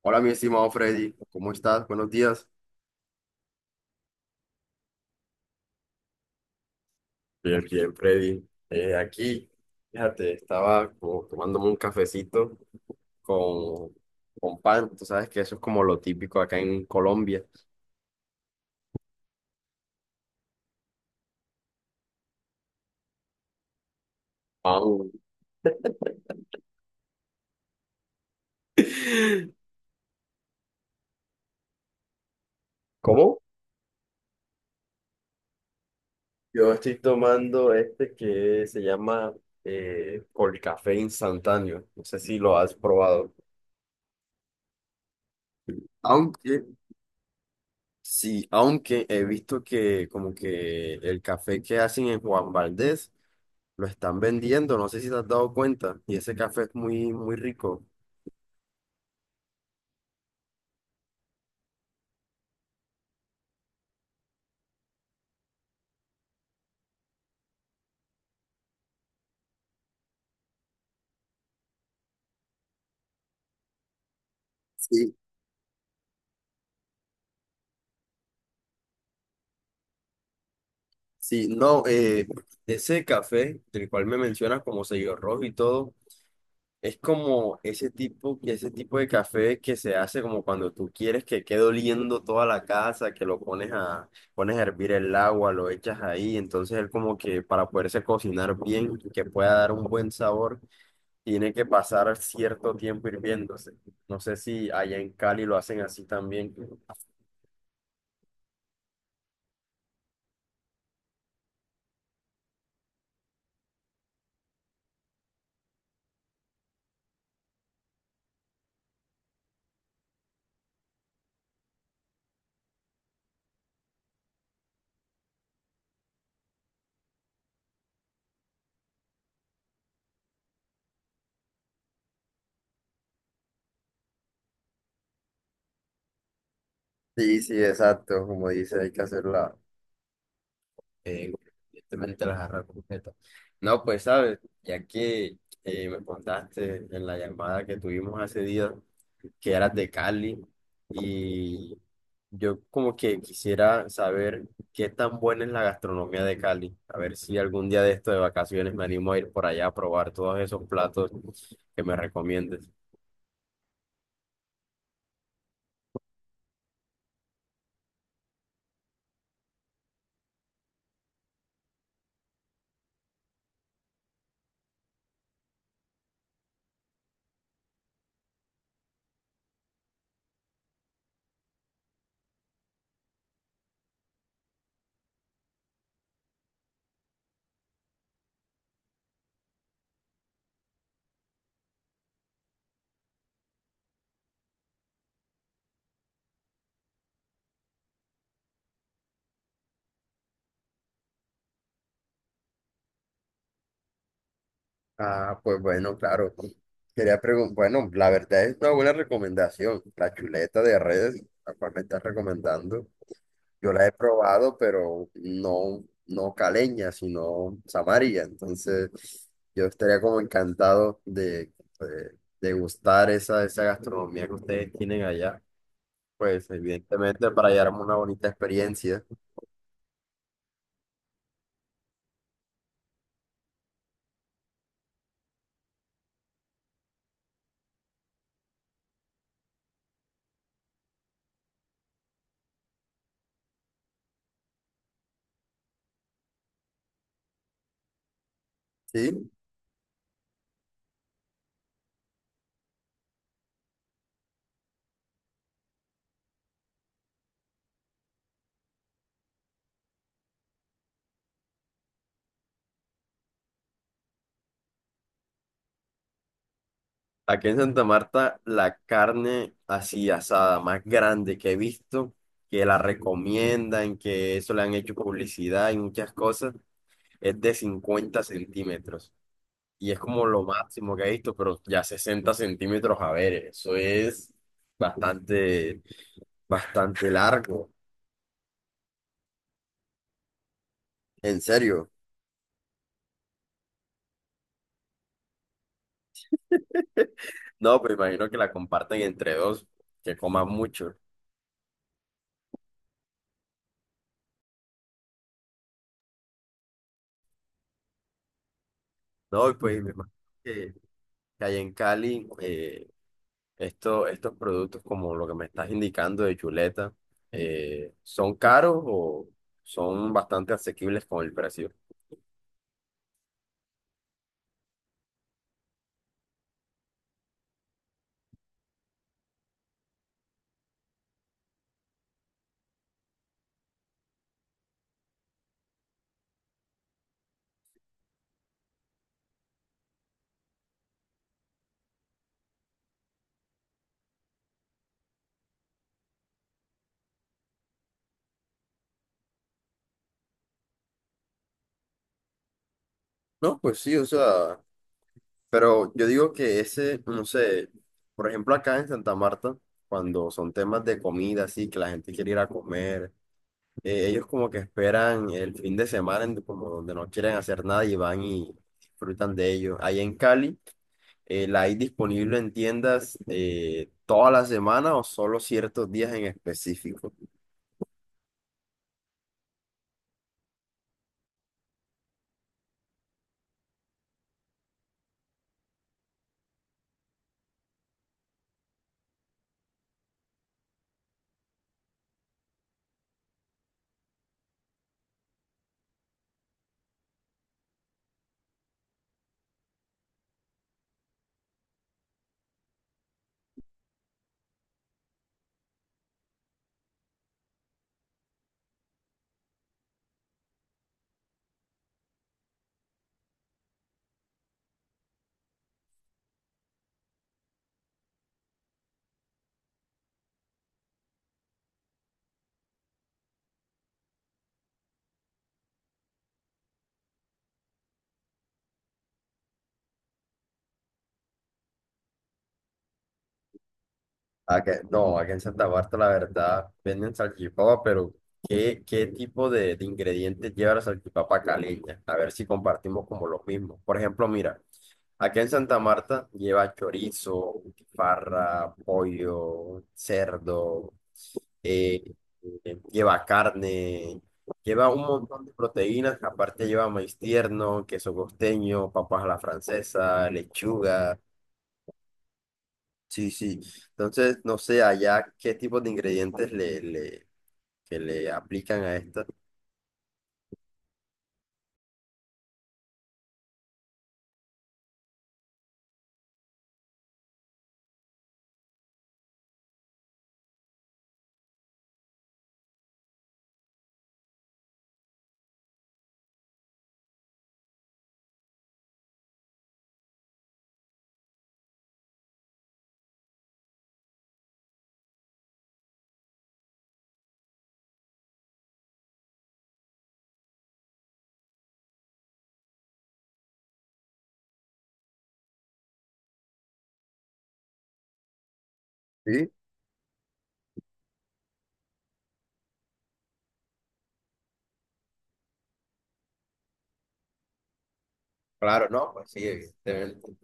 Hola, mi estimado Freddy, ¿cómo estás? Buenos días. Bien, bien, Freddy. Aquí, fíjate, estaba como tomándome un cafecito con, con pan. Tú sabes que eso es como lo típico acá en Colombia. Pan. ¿Cómo? Yo estoy tomando este que se llama eh, café instantáneo. No sé si lo has probado. Aunque, sí, aunque he visto que como que el café que hacen en Juan Valdez lo están vendiendo, no sé si te has dado cuenta. Y ese café es muy, muy rico. Sí. Sí, no, ese café, del cual me mencionas como sello rojo y todo, es como ese tipo de café que se hace como cuando tú quieres que quede oliendo toda la casa, que lo pones a, pones a hervir el agua, lo echas ahí, entonces él como que para poderse cocinar bien, que pueda dar un buen sabor, tiene que pasar cierto tiempo hirviéndose. No sé si allá en Cali lo hacen así también. Sí, sí, exacto, como dice, hay que hacerla eh, evidentemente la jarra completa. No, pues sabes, ya que me contaste en la llamada que tuvimos hace día que eras de Cali y yo como que quisiera saber qué tan buena es la gastronomía de Cali, a ver si algún día de esto de vacaciones me animo a ir por allá a probar todos esos platos que me recomiendes. Ah, pues bueno, claro. Quería preguntar, bueno, la verdad es una buena recomendación. La chuleta de redes, la cual me estás recomendando. Yo la he probado, pero no, no caleña, sino samaria. Entonces, yo estaría como de degustar esa gastronomía que ustedes tienen allá. Pues, evidentemente, para llevarme una bonita experiencia. ¿Sí? Aquí en Santa Marta, la carne así asada más grande que he visto, que la recomiendan, que eso le han hecho publicidad y muchas cosas, es de 50 centímetros. Y es como lo máximo que he visto, pero ya 60 centímetros, a ver, eso es bastante, bastante largo. En serio. No, pues imagino que la comparten entre dos, que coman mucho. No, y pues me imagino que, que allá en Cali, esto, estos productos, como lo que me estás indicando de chuleta, ¿son caros o son bastante asequibles con el precio? No, pues sí, o sea, pero yo digo que ese, no sé, por ejemplo acá en Santa Marta, cuando son temas de comida, así, que la gente quiere ir a comer, ellos como que esperan el fin de semana, como donde no quieren hacer nada y van y disfrutan de ello. Ahí en Cali. ¿La hay disponible en tiendas toda la semana o solo ciertos días en específico? No, aquí en Santa Marta la verdad venden salchipapa, pero ¿qué tipo de ingredientes lleva la salchipapa caleña? A ver si compartimos como los mismos. Por ejemplo, mira, aquí en Santa Marta lleva chorizo, farra, pollo, cerdo. eh, lleva carne, lleva un montón de proteínas, aparte lleva maíz tierno, queso costeño, papas a la francesa, lechuga, sí, sí. Entonces, no sé allá qué tipo de ingredientes que le aplican a esto. Sí, claro, no, pues sí, evidentemente.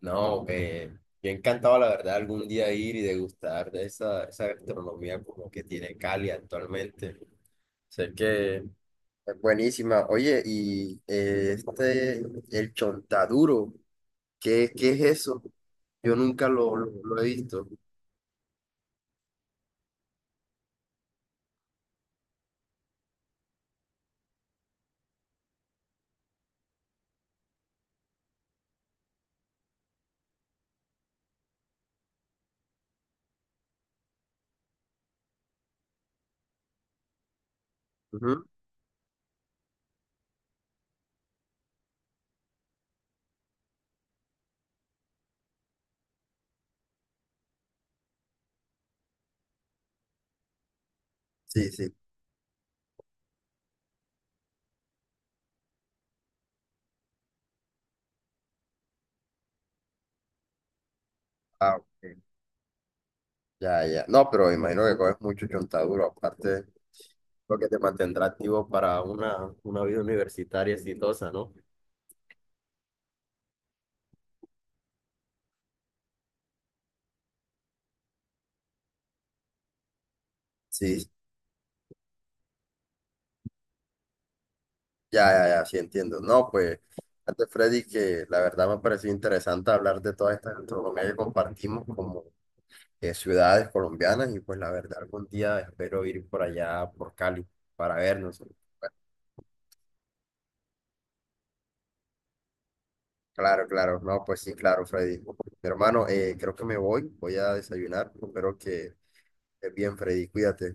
No, yo encantado, la verdad, algún día ir y degustar de esa gastronomía como que tiene Cali actualmente. Sé que es buenísima. Oye, y el chontaduro, ¿qué es eso? Yo nunca lo he visto. Ujú. Sí, sí. Ah, ok. Ya, ya. No, pero imagino que coges mucho chontaduro, aparte lo que te mantendrá activo para una vida universitaria exitosa, ¿no? Sí, ya, ya, ya, sí entiendo. No, pues, antes Freddy, que la verdad me ha parecido interesante hablar de toda esta gastronomía que compartimos como ciudades colombianas y pues la verdad algún día espero ir por allá, por Cali, para vernos. Bueno, claro, claro, no, pues sí, claro, Freddy. Mi hermano, creo que me voy, voy a desayunar, espero que estés bien, Freddy, cuídate.